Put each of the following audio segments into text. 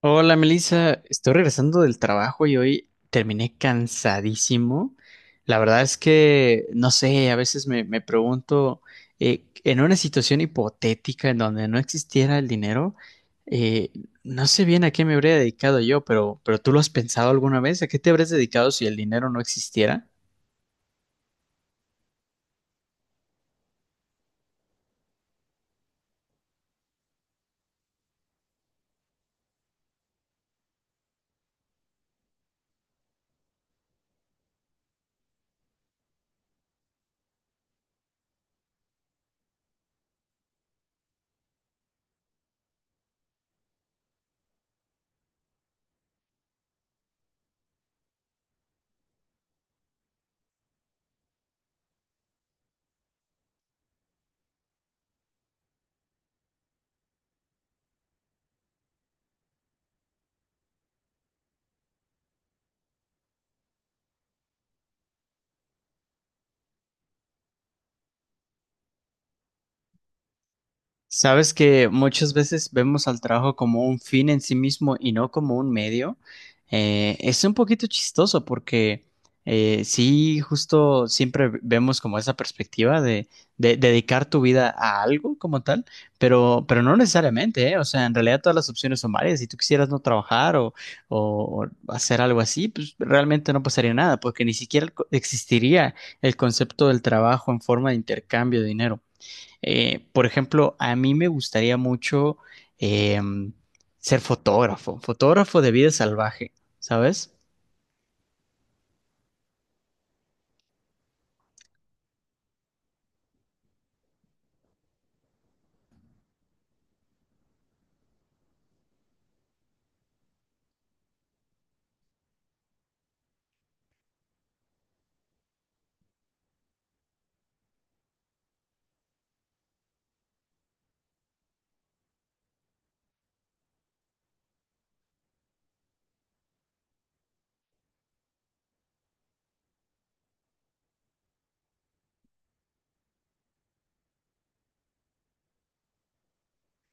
Hola Melissa, estoy regresando del trabajo y hoy terminé cansadísimo. La verdad es que, no sé, a veces me pregunto, en una situación hipotética en donde no existiera el dinero, eh, no sé bien a qué me habría dedicado yo, pero ¿tú lo has pensado alguna vez? ¿A qué te habrías dedicado si el dinero no existiera? Sabes que muchas veces vemos al trabajo como un fin en sí mismo y no como un medio. Es un poquito chistoso porque sí, justo siempre vemos como esa perspectiva de dedicar tu vida a algo como tal, pero no necesariamente, ¿eh? O sea, en realidad todas las opciones son varias. Si tú quisieras no trabajar o, o o hacer algo así, pues realmente no pasaría nada porque ni siquiera existiría el concepto del trabajo en forma de intercambio de dinero. Por ejemplo, a mí me gustaría mucho eh, ser fotógrafo, fotógrafo de vida salvaje, ¿sabes?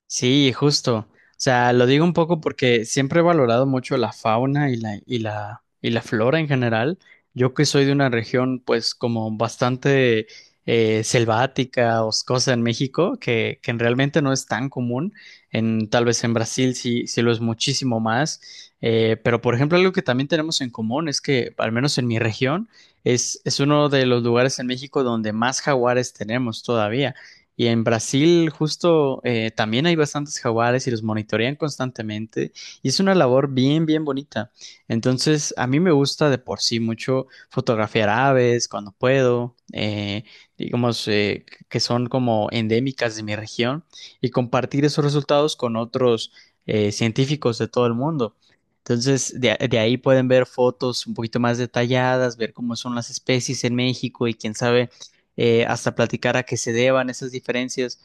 Sí, justo. O sea, lo digo un poco porque siempre he valorado mucho la fauna y la, y la, y la flora en general. Yo que soy de una región, pues, como bastante selvática, oscosa en México, que realmente no es tan común. En, tal vez en Brasil sí, sí lo es muchísimo más. Pero, por ejemplo, algo que también tenemos en común es que, al menos en mi región, es uno de los lugares en México donde más jaguares tenemos todavía. Y en Brasil justo también hay bastantes jaguares y los monitorean constantemente y es una labor bien, bien bonita. Entonces, a mí me gusta de por sí mucho fotografiar aves cuando puedo, digamos que son como endémicas de mi región y compartir esos resultados con otros científicos de todo el mundo. Entonces, de ahí pueden ver fotos un poquito más detalladas, ver cómo son las especies en México y quién sabe hasta platicar a qué se deban esas diferencias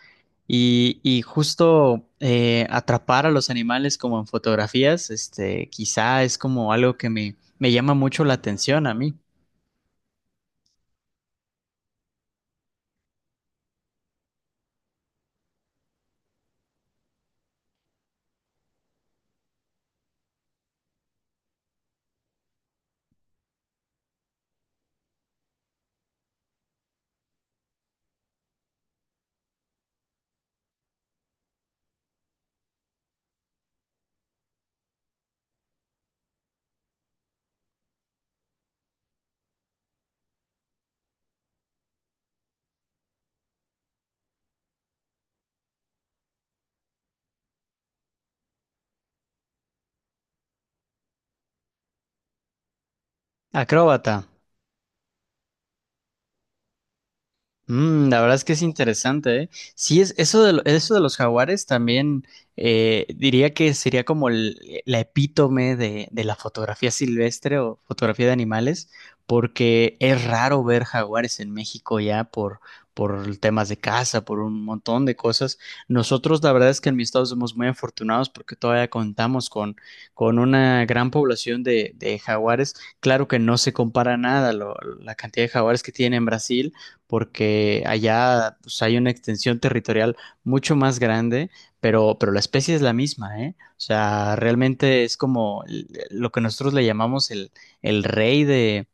y justo atrapar a los animales como en fotografías, este, quizá es como algo que me llama mucho la atención a mí. Acróbata. Mm, la verdad es que es interesante, ¿eh? Sí, es, eso de, lo- eso de los jaguares también diría que sería como el- la epítome de la fotografía silvestre o fotografía de animales, porque es raro ver jaguares en México ya por temas de caza, por un montón de cosas. Nosotros, la verdad es que en mi estado somos muy afortunados porque todavía contamos con una gran población de jaguares. Claro que no se compara nada lo- la cantidad de jaguares que tiene en Brasil porque allá pues, hay una extensión territorial mucho más grande, pero la especie es la misma, ¿eh? O sea, realmente es como l- lo que nosotros le llamamos el rey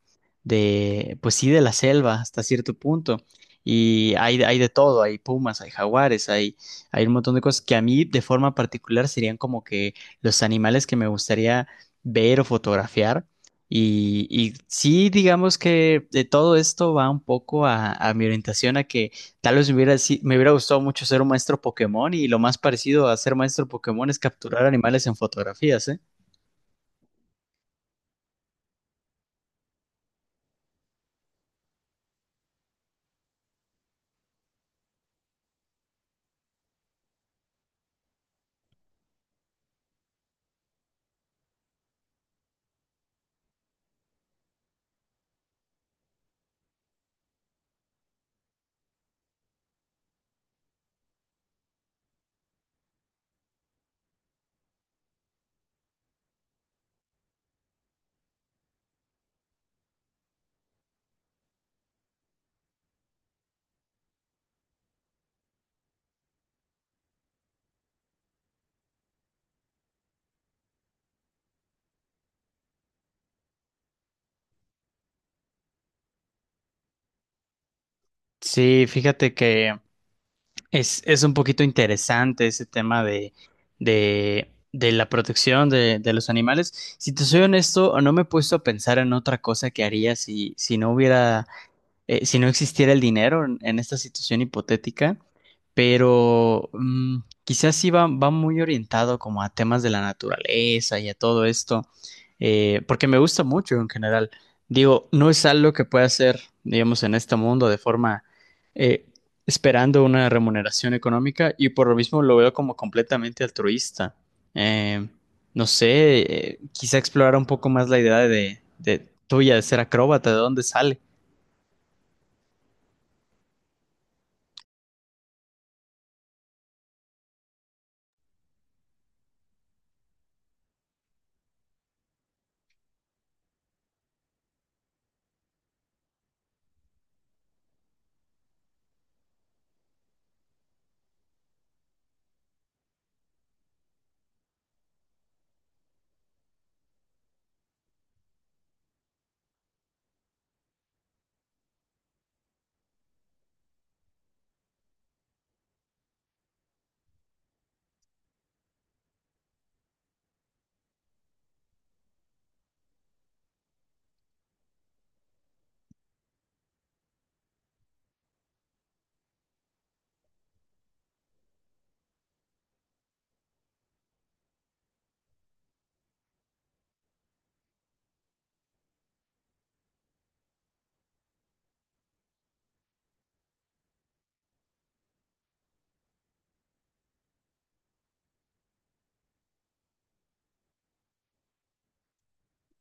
de, pues sí, de la selva hasta cierto punto. Y hay de todo, hay pumas, hay jaguares, hay un montón de cosas que a mí de forma particular serían como que los animales que me gustaría ver o fotografiar, y sí, digamos que de todo esto va un poco a mi orientación a que tal vez me hubiera, si- me hubiera gustado mucho ser un maestro Pokémon y lo más parecido a ser maestro Pokémon es capturar animales en fotografías, ¿eh? Sí, fíjate que es un poquito interesante ese tema de la protección de los animales. Si te soy honesto, no me he puesto a pensar en otra cosa que haría si, si no hubiera si no existiera el dinero en esta situación hipotética, pero mm, quizás sí va, va muy orientado como a temas de la naturaleza y a todo esto, porque me gusta mucho en general. Digo, no es algo que pueda hacer, digamos, en este mundo de forma eh, esperando una remuneración económica y por lo mismo lo veo como completamente altruista. Eh, no sé, quizá explorar un poco más la idea de tuya de ser acróbata, de dónde sale.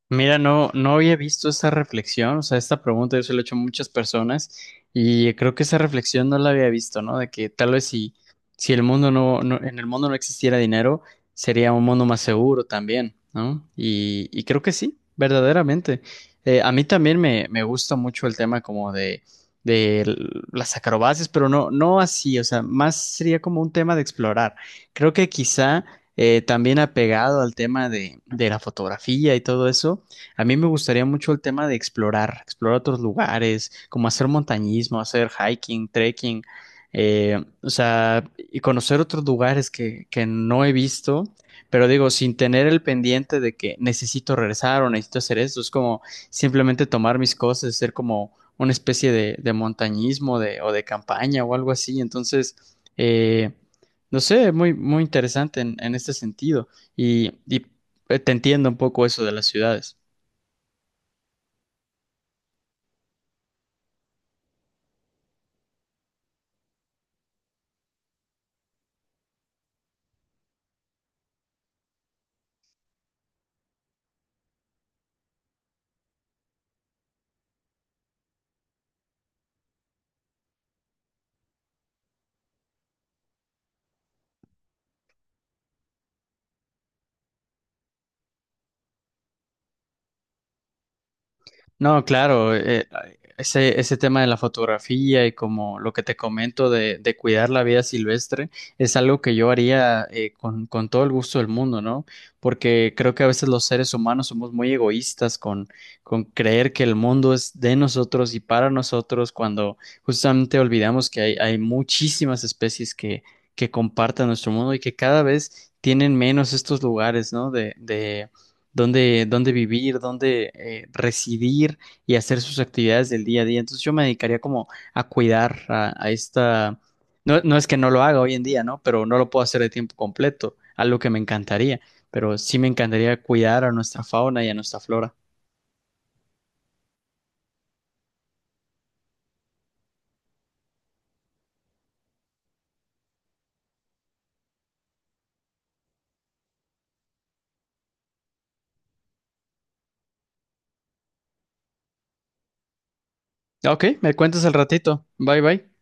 Mira, no, no había visto esta reflexión, o sea, esta pregunta yo se la he hecho a muchas personas y creo que esa reflexión no la había visto, ¿no? De que tal vez si, si el mundo no, no- en el mundo no existiera dinero, sería un mundo más seguro también, ¿no? Y creo que sí, verdaderamente. A mí también me gusta mucho el tema como de l- las acrobacias, pero no, no así, o sea, más sería como un tema de explorar. Creo que quizá también apegado al tema de la fotografía y todo eso a mí me gustaría mucho el tema de explorar, explorar otros lugares, como hacer montañismo, hacer hiking, trekking, o sea, y conocer otros lugares que no he visto, pero digo, sin tener el pendiente de que necesito regresar o necesito hacer esto, es como simplemente tomar mis cosas, hacer como una especie de montañismo de, o de campaña o algo así. Entonces, eh, no sé, muy, muy interesante en este sentido. Y te entiendo un poco eso de las ciudades. No, claro, ese, ese tema de la fotografía y como lo que te comento de cuidar la vida silvestre es algo que yo haría con todo el gusto del mundo, ¿no? Porque creo que a veces los seres humanos somos muy egoístas con creer que el mundo es de nosotros y para nosotros cuando justamente olvidamos que hay muchísimas especies que comparten nuestro mundo y que cada vez tienen menos estos lugares, ¿no? De dónde, dónde vivir, dónde residir y hacer sus actividades del día a día. Entonces yo me dedicaría como a cuidar a esta... No, no es que no lo haga hoy en día, ¿no? Pero no lo puedo hacer de tiempo completo, algo que me encantaría, pero sí me encantaría cuidar a nuestra fauna y a nuestra flora. Ok, me cuentas al ratito. Bye bye.